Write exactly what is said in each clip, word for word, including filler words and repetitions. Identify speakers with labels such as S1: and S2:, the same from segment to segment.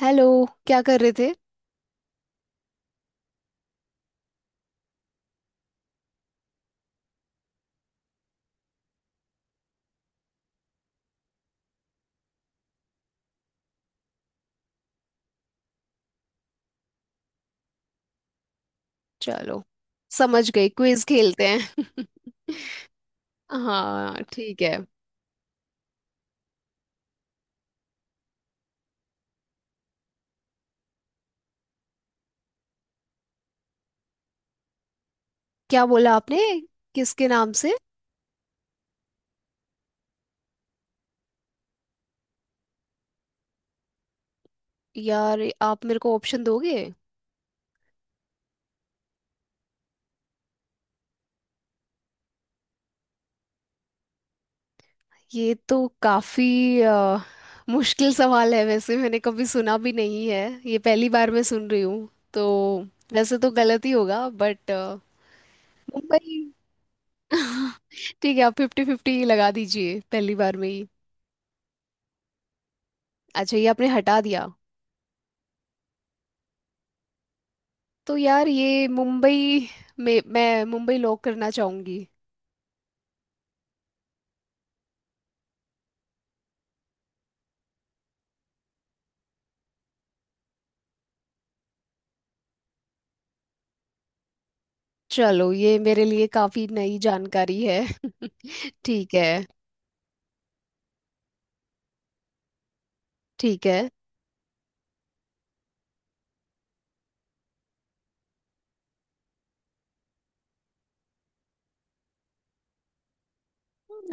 S1: Hello. क्या कर रहे थे? चलो, समझ गई, क्विज खेलते हैं। हाँ, ठीक है। क्या बोला आपने? किसके नाम से? यार, आप मेरे को ऑप्शन दोगे? ये तो काफी अ, मुश्किल सवाल है, वैसे मैंने कभी सुना भी नहीं है। ये पहली बार मैं सुन रही हूँ। तो वैसे तो गलत ही होगा, बट मुंबई। ठीक है, आप फिफ्टी फिफ्टी लगा दीजिए पहली बार में ही। अच्छा, ये आपने हटा दिया? तो यार ये मुंबई, में मैं मुंबई लॉक करना चाहूंगी। चलो, ये मेरे लिए काफी नई जानकारी है। ठीक है। ठीक है।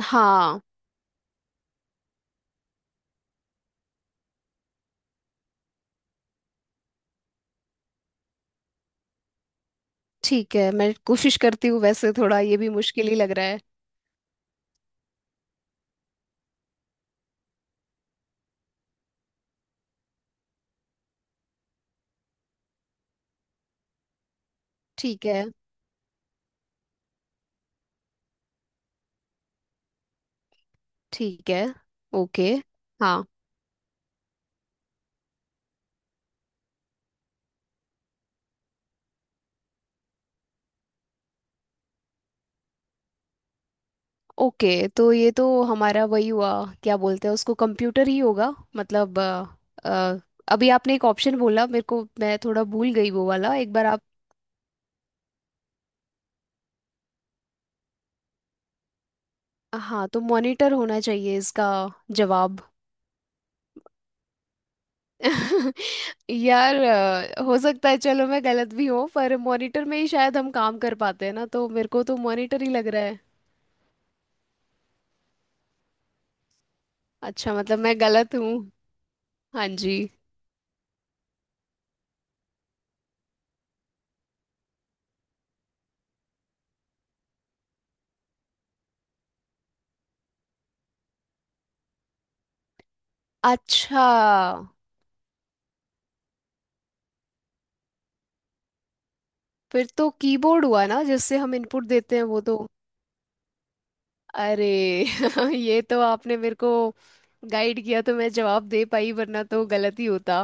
S1: हाँ, ठीक है, मैं कोशिश करती हूँ, वैसे थोड़ा ये भी मुश्किल ही लग रहा है। ठीक है। ठीक है। ओके। हाँ। ओके, तो ये तो हमारा वही हुआ, क्या बोलते हैं उसको, कंप्यूटर ही होगा। मतलब अ, अ, अभी आपने एक ऑप्शन बोला मेरे को, मैं थोड़ा भूल गई, वो वाला एक बार आप। हाँ, तो मॉनिटर होना चाहिए इसका जवाब। यार, अ, हो सकता है, चलो मैं गलत भी हूँ, पर मॉनिटर में ही शायद हम काम कर पाते हैं ना, तो मेरे को तो मॉनिटर ही लग रहा है। अच्छा, मतलब मैं गलत हूँ? हाँ जी। अच्छा। फिर तो कीबोर्ड हुआ ना, जिससे हम इनपुट देते हैं, वो तो। अरे। ये तो आपने मेरे को गाइड किया तो मैं जवाब दे पाई, वरना तो गलत ही होता।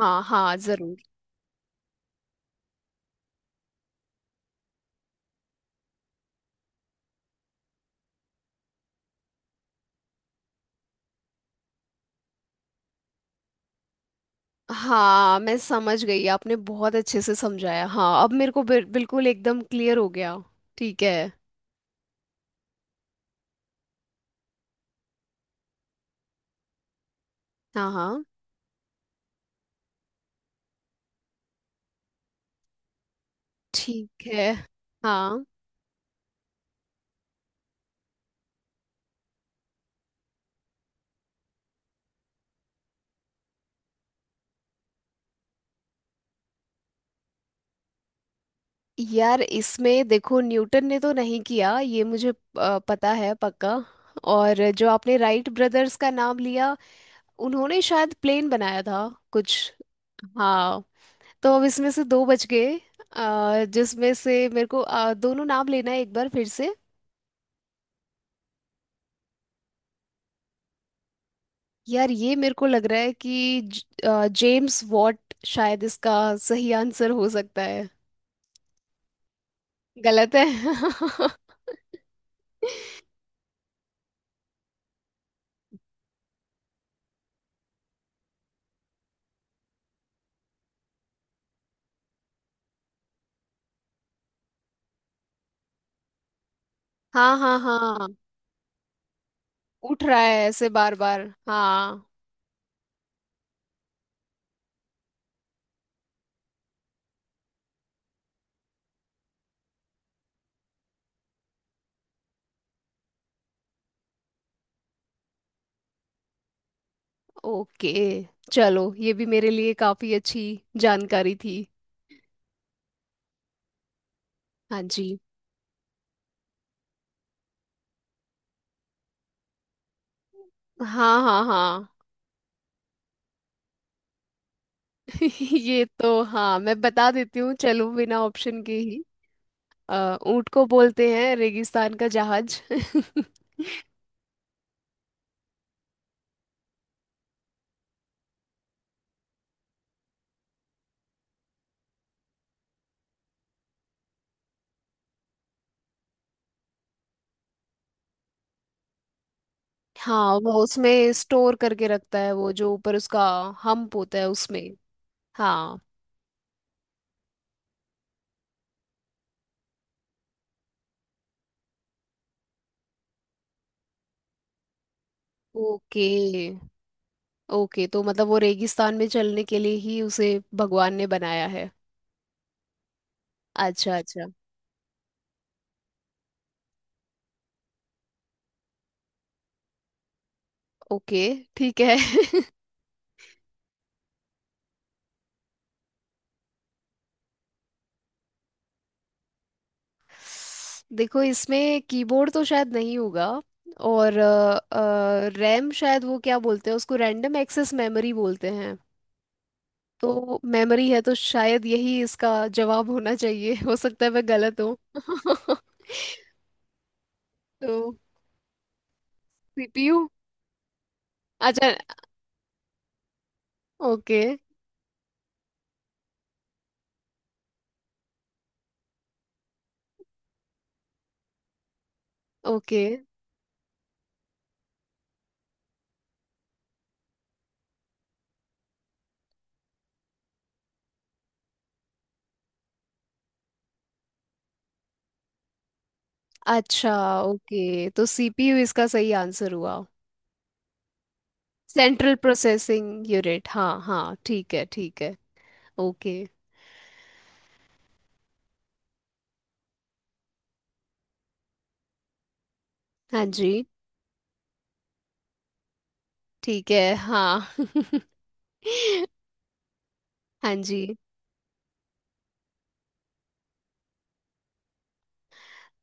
S1: हाँ हाँ, जरूर। हाँ, मैं समझ गई, आपने बहुत अच्छे से समझाया। हाँ, अब मेरे को बिल- बिल्कुल एकदम क्लियर हो गया। ठीक है। हाँ हाँ। ठीक है। हाँ। यार, इसमें देखो न्यूटन ने तो नहीं किया ये मुझे अ, पता है पक्का। और जो आपने राइट ब्रदर्स का नाम लिया, उन्होंने शायद प्लेन बनाया था कुछ। हाँ। तो अब इसमें से दो बच गए, अ, जिसमें से मेरे को अ, दोनों नाम लेना है एक बार फिर से। यार, ये मेरे को लग रहा है कि ज- अ, जेम्स वॉट शायद इसका सही आंसर हो सकता है। गलत है। हाँ हाँ हाँ। उठ रहा है ऐसे बार बार। हाँ। ओके, चलो ये भी मेरे लिए काफी अच्छी जानकारी थी। हाँ जी। हाँ हाँ हाँ। ये तो हाँ, मैं बता देती हूँ, चलो बिना ऑप्शन के ही। अ, ऊंट को बोलते हैं रेगिस्तान का जहाज। हाँ, वो उसमें स्टोर करके रखता है, वो जो ऊपर उसका हम्प होता है उसमें। हाँ। ओके। ओके, तो मतलब वो रेगिस्तान में चलने के लिए ही उसे भगवान ने बनाया है। अच्छा अच्छा। ओके, ठीक है। देखो, इसमें कीबोर्ड तो शायद नहीं होगा। और रैम, शायद वो क्या बोलते हैं उसको, रैंडम एक्सेस मेमोरी बोलते हैं, तो मेमोरी है तो शायद यही इसका जवाब होना चाहिए। हो सकता है मैं गलत हूँ। तो सी पी यू। अच्छा। ओके। ओके। अच्छा। ओके, तो सी पी यू इसका सही आंसर हुआ। सेंट्रल प्रोसेसिंग यूनिट, हाँ हाँ, ठीक है, ठीक है। ओके। हाँ जी। ठीक है। हाँ। हाँ जी।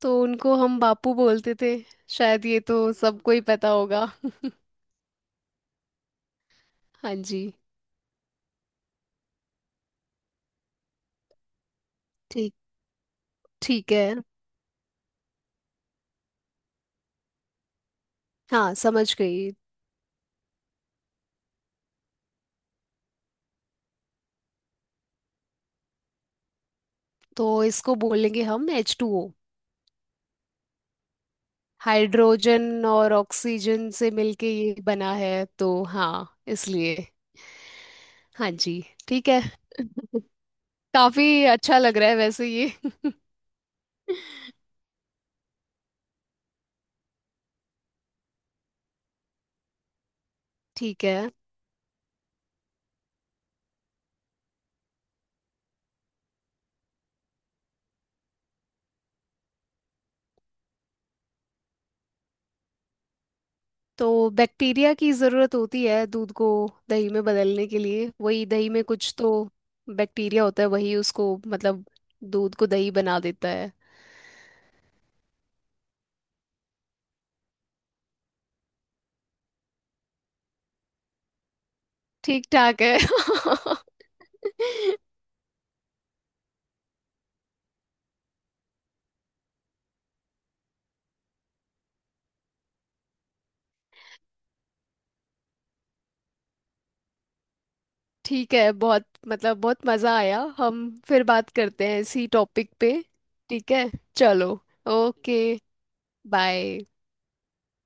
S1: तो उनको हम बापू बोलते थे, शायद ये तो सबको ही पता होगा। हाँ जी। ठीक। ठीक है। हाँ, समझ गई। तो इसको बोलेंगे हम एच टू ओ। हाइड्रोजन और ऑक्सीजन से मिलके ये बना है, तो हाँ, इसलिए। हाँ जी। ठीक है। काफी अच्छा लग रहा है वैसे ये। ठीक है। तो बैक्टीरिया की ज़रूरत होती है दूध को दही में बदलने के लिए, वही दही में कुछ तो बैक्टीरिया होता है, वही उसको मतलब दूध को दही बना देता है। ठीक ठाक है। ठीक है, बहुत मतलब बहुत मज़ा आया, हम फिर बात करते हैं इसी टॉपिक पे। ठीक है। चलो। Okay, bye.